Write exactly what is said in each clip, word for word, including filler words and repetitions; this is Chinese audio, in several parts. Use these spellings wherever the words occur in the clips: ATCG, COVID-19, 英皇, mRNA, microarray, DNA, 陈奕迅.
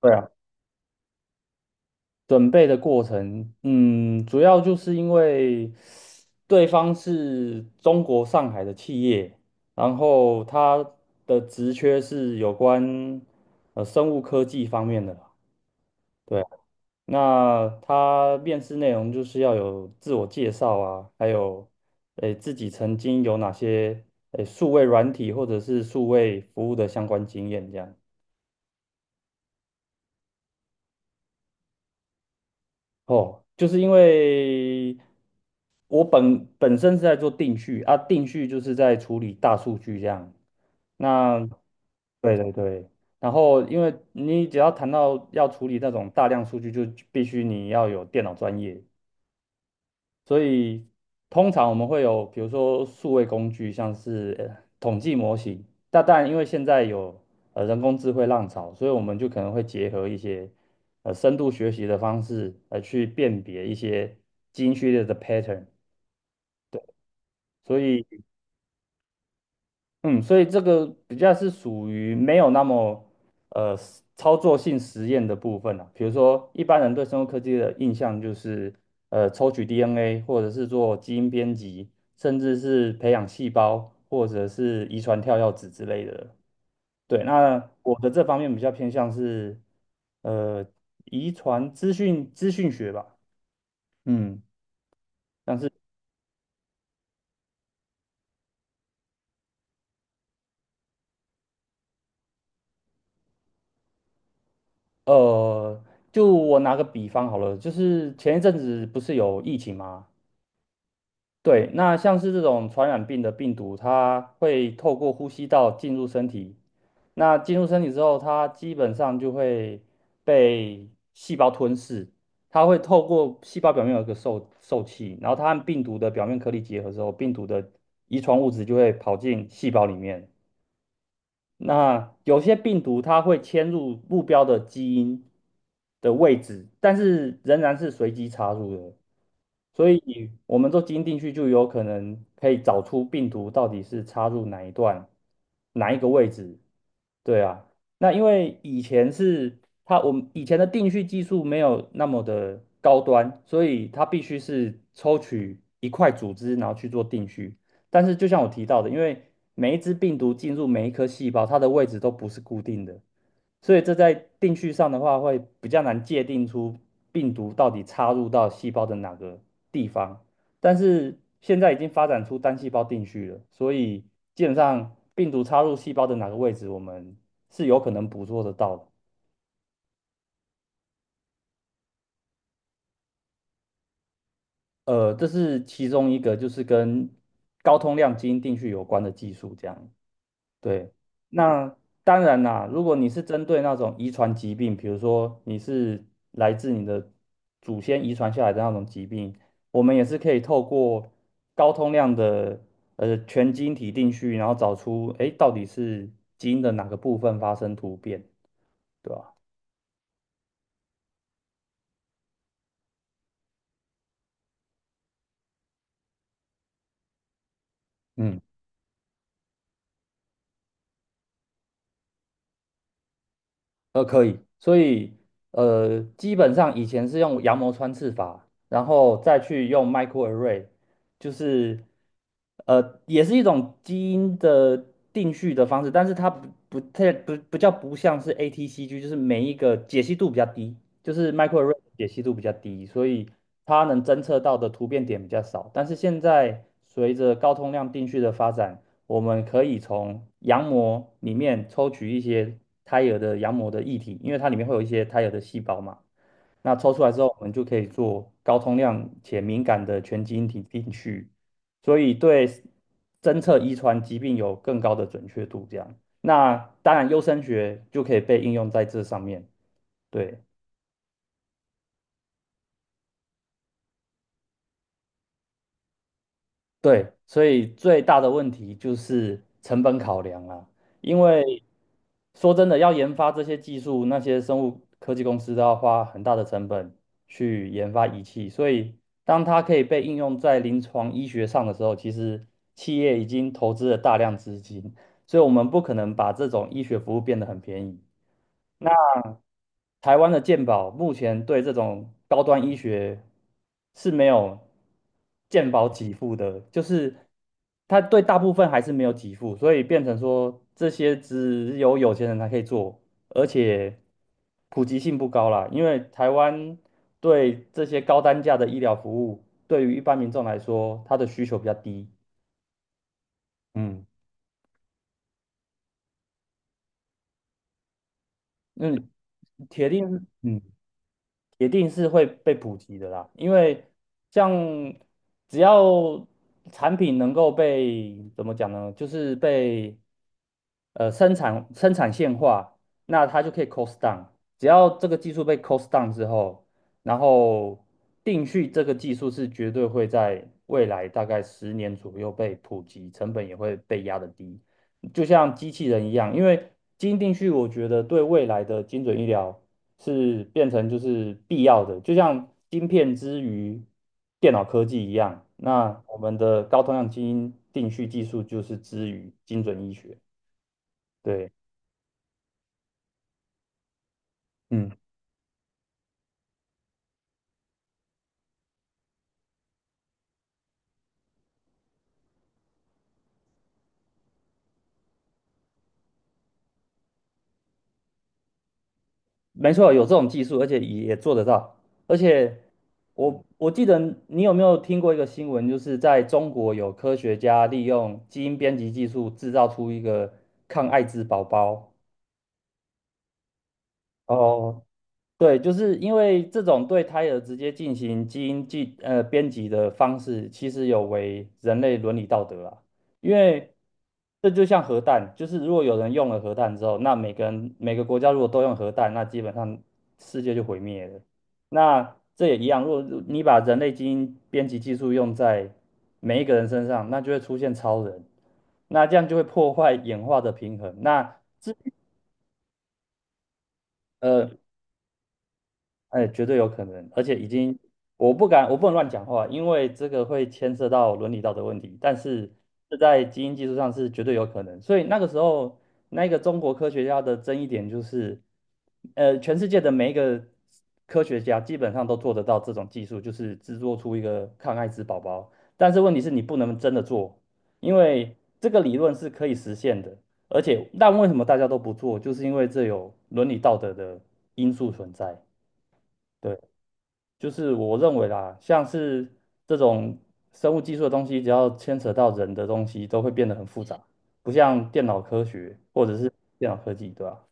对啊，准备的过程，嗯，主要就是因为对方是中国上海的企业，然后他的职缺是有关呃生物科技方面的啦。对啊。那他面试内容就是要有自我介绍啊，还有诶自己曾经有哪些诶数位软体或者是数位服务的相关经验这样。哦，就是因为我本本身是在做定序啊，定序就是在处理大数据这样。那，对对对，然后因为你只要谈到要处理那种大量数据，就必须你要有电脑专业，所以通常我们会有，比如说数位工具，像是呃统计模型。但但因为现在有呃人工智慧浪潮，所以我们就可能会结合一些呃深度学习的方式，来去辨别一些基因序列的 pattern。所以嗯，所以这个比较是属于没有那么呃实操作性实验的部分啊。比如说，一般人对生物科技的印象就是呃抽取 D N A，或者是做基因编辑，甚至是培养细胞，或者是遗传跳药子之类的。对，那我的这方面比较偏向是呃遗传资讯资讯学吧。嗯。呃，就我拿个比方好了，就是前一阵子不是有疫情吗？对，那像是这种传染病的病毒，它会透过呼吸道进入身体。那进入身体之后，它基本上就会被细胞吞噬。它会透过细胞表面有一个受受器，然后它和病毒的表面颗粒结合之后，病毒的遗传物质就会跑进细胞里面。那有些病毒它会迁入目标的基因的位置，但是仍然是随机插入的，所以我们做基因定序就有可能可以找出病毒到底是插入哪一段、哪一个位置。对啊，那因为以前是它，我们以前的定序技术没有那么的高端，所以它必须是抽取一块组织，然后去做定序。但是就像我提到的，因为每一只病毒进入每一颗细胞，它的位置都不是固定的，所以这在定序上的话，会比较难界定出病毒到底插入到细胞的哪个地方。但是现在已经发展出单细胞定序了，所以基本上病毒插入细胞的哪个位置，我们是有可能捕捉得到的。呃，这是其中一个，就是跟高通量基因定序有关的技术，这样。对，那当然啦，如果你是针对那种遗传疾病，比如说你是来自你的祖先遗传下来的那种疾病，我们也是可以透过高通量的呃全基因体定序，然后找出诶到底是基因的哪个部分发生突变，对吧？嗯。呃，可以，所以呃，基本上以前是用羊膜穿刺法，然后再去用 microarray，就是呃，也是一种基因的定序的方式，但是它不不太不不叫不像是 A T C G，就是每一个解析度比较低，就是 microarray 的解析度比较低，所以它能侦测到的突变点比较少。但是现在随着高通量定序的发展，我们可以从羊膜里面抽取一些胎儿的羊膜的液体，因为它里面会有一些胎儿的细胞嘛。那抽出来之后，我们就可以做高通量且敏感的全基因体定序，所以对侦测遗传疾病有更高的准确度。这样，那当然优生学就可以被应用在这上面。对。对，所以最大的问题就是成本考量啦。因为说真的，要研发这些技术，那些生物科技公司都要花很大的成本去研发仪器，所以当它可以被应用在临床医学上的时候，其实企业已经投资了大量资金，所以我们不可能把这种医学服务变得很便宜。台湾的健保目前对这种高端医学是没有健保给付的，就是它对大部分还是没有给付，所以变成说这些只有有钱人才可以做，而且普及性不高啦。因为台湾对这些高单价的医疗服务，对于一般民众来说，它的需求比较低。嗯。那铁定，嗯。铁定是会被普及的啦，因为像只要产品能够被怎么讲呢，就是被呃生产生产线化，那它就可以 cost down。只要这个技术被 cost down 之后，然后定序这个技术是绝对会在未来大概十年左右被普及，成本也会被压得低，就像机器人一样，因为基因定序，我觉得对未来的精准医疗，是变成就是必要的，就像晶片之于电脑科技一样，那我们的高通量基因定序技术就是之于精准医学。对，嗯，没错，有这种技术，而且也也做得到。而且我我记得你有没有听过一个新闻，就是在中国有科学家利用基因编辑技术制造出一个抗艾滋宝宝。哦，对，就是因为这种对胎儿直接进行基因记呃编辑的方式，其实有违人类伦理道德啊。因为这就像核弹，就是如果有人用了核弹之后，那每个人每个国家如果都用核弹，那基本上世界就毁灭了。那这也一样，如果你把人类基因编辑技术用在每一个人身上，那就会出现超人，那这样就会破坏演化的平衡。那。呃。哎，绝对有可能，而且已经，我不敢，我不能乱讲话，因为这个会牵涉到伦理道德问题。但是这在基因技术上是绝对有可能，所以那个时候，那个中国科学家的争议点就是，呃，全世界的每一个科学家基本上都做得到这种技术，就是制作出一个抗艾滋宝宝。但是问题是你不能真的做，因为这个理论是可以实现的，而且但为什么大家都不做，就是因为这有伦理道德的因素存在。对。就是我认为啦，像是这种生物技术的东西，只要牵扯到人的东西，都会变得很复杂，不像电脑科学或者是电脑科技，对吧。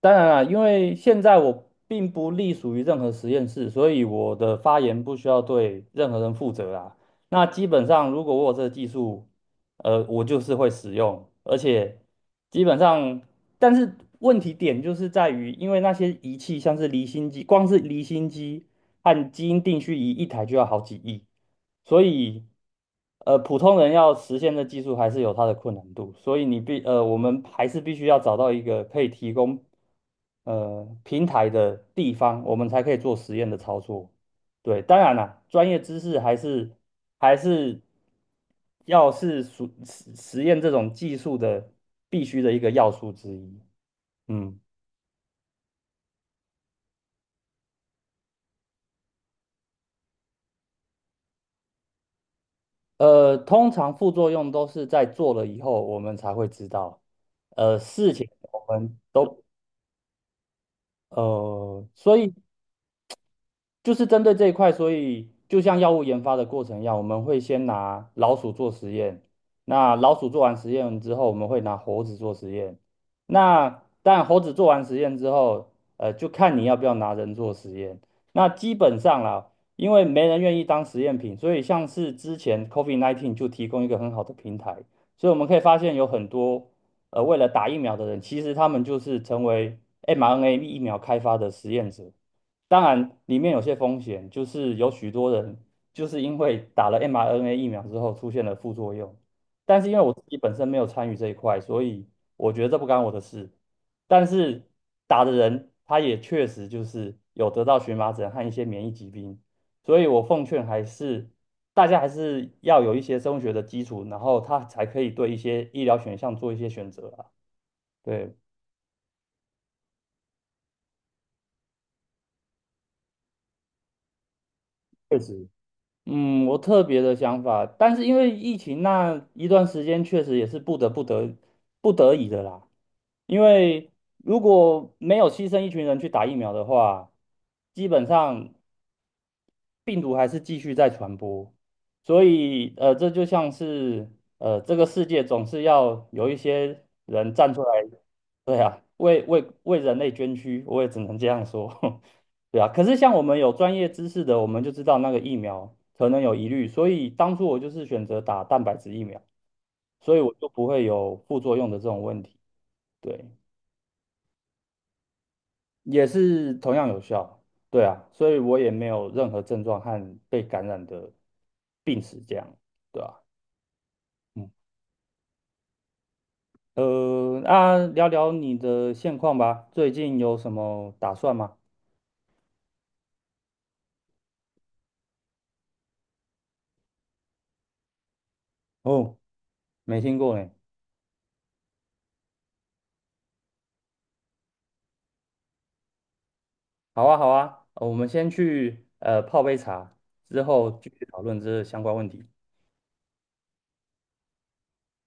当然啦，因为现在我并不隶属于任何实验室，所以我的发言不需要对任何人负责啦。那基本上，如果我有这个技术，呃，我就是会使用，而且基本上，但是问题点就是在于，因为那些仪器像是离心机，光是离心机和基因定序仪一台就要好几亿，所以，呃，普通人要实现的技术还是有它的困难度，所以你必呃，我们还是必须要找到一个可以提供呃平台的地方，我们才可以做实验的操作。对，当然啦，专业知识还是还是要是属实实验这种技术的必须的一个要素之一。嗯。呃，通常副作用都是在做了以后我们才会知道，呃，事情我们都呃，所以就是针对这一块，所以就像药物研发的过程一样，我们会先拿老鼠做实验，那老鼠做完实验之后，我们会拿猴子做实验。那但猴子做完实验之后，呃，就看你要不要拿人做实验。那基本上啦，因为没人愿意当实验品，所以像是之前 COVID 十九 就提供一个很好的平台，所以我们可以发现有很多呃为了打疫苗的人，其实他们就是成为 mRNA 疫苗开发的实验者。当然，里面有些风险，就是有许多人就是因为打了 mRNA 疫苗之后出现了副作用，但是因为我自己本身没有参与这一块，所以我觉得这不干我的事。但是打的人他也确实就是有得到荨麻疹和一些免疫疾病，所以我奉劝还是大家还是要有一些生物学的基础，然后他才可以对一些医疗选项做一些选择啊。对，确实。嗯，我特别的想法，但是因为疫情那一段时间，确实也是不得不得不得已的啦。因为如果没有牺牲一群人去打疫苗的话，基本上，病毒还是继续在传播，所以呃，这就像是呃，这个世界总是要有一些人站出来，对啊，为为为人类捐躯，我也只能这样说，对啊。可是像我们有专业知识的，我们就知道那个疫苗可能有疑虑，所以当初我就是选择打蛋白质疫苗，所以我就不会有副作用的这种问题。对。也是同样有效，对啊，所以我也没有任何症状和被感染的病史，这样，对啊，嗯，呃，那聊聊你的现况吧，最近有什么打算吗？哦，没听过呢。好啊，好啊，呃我们先去呃泡杯茶，之后继续讨论这相关问题。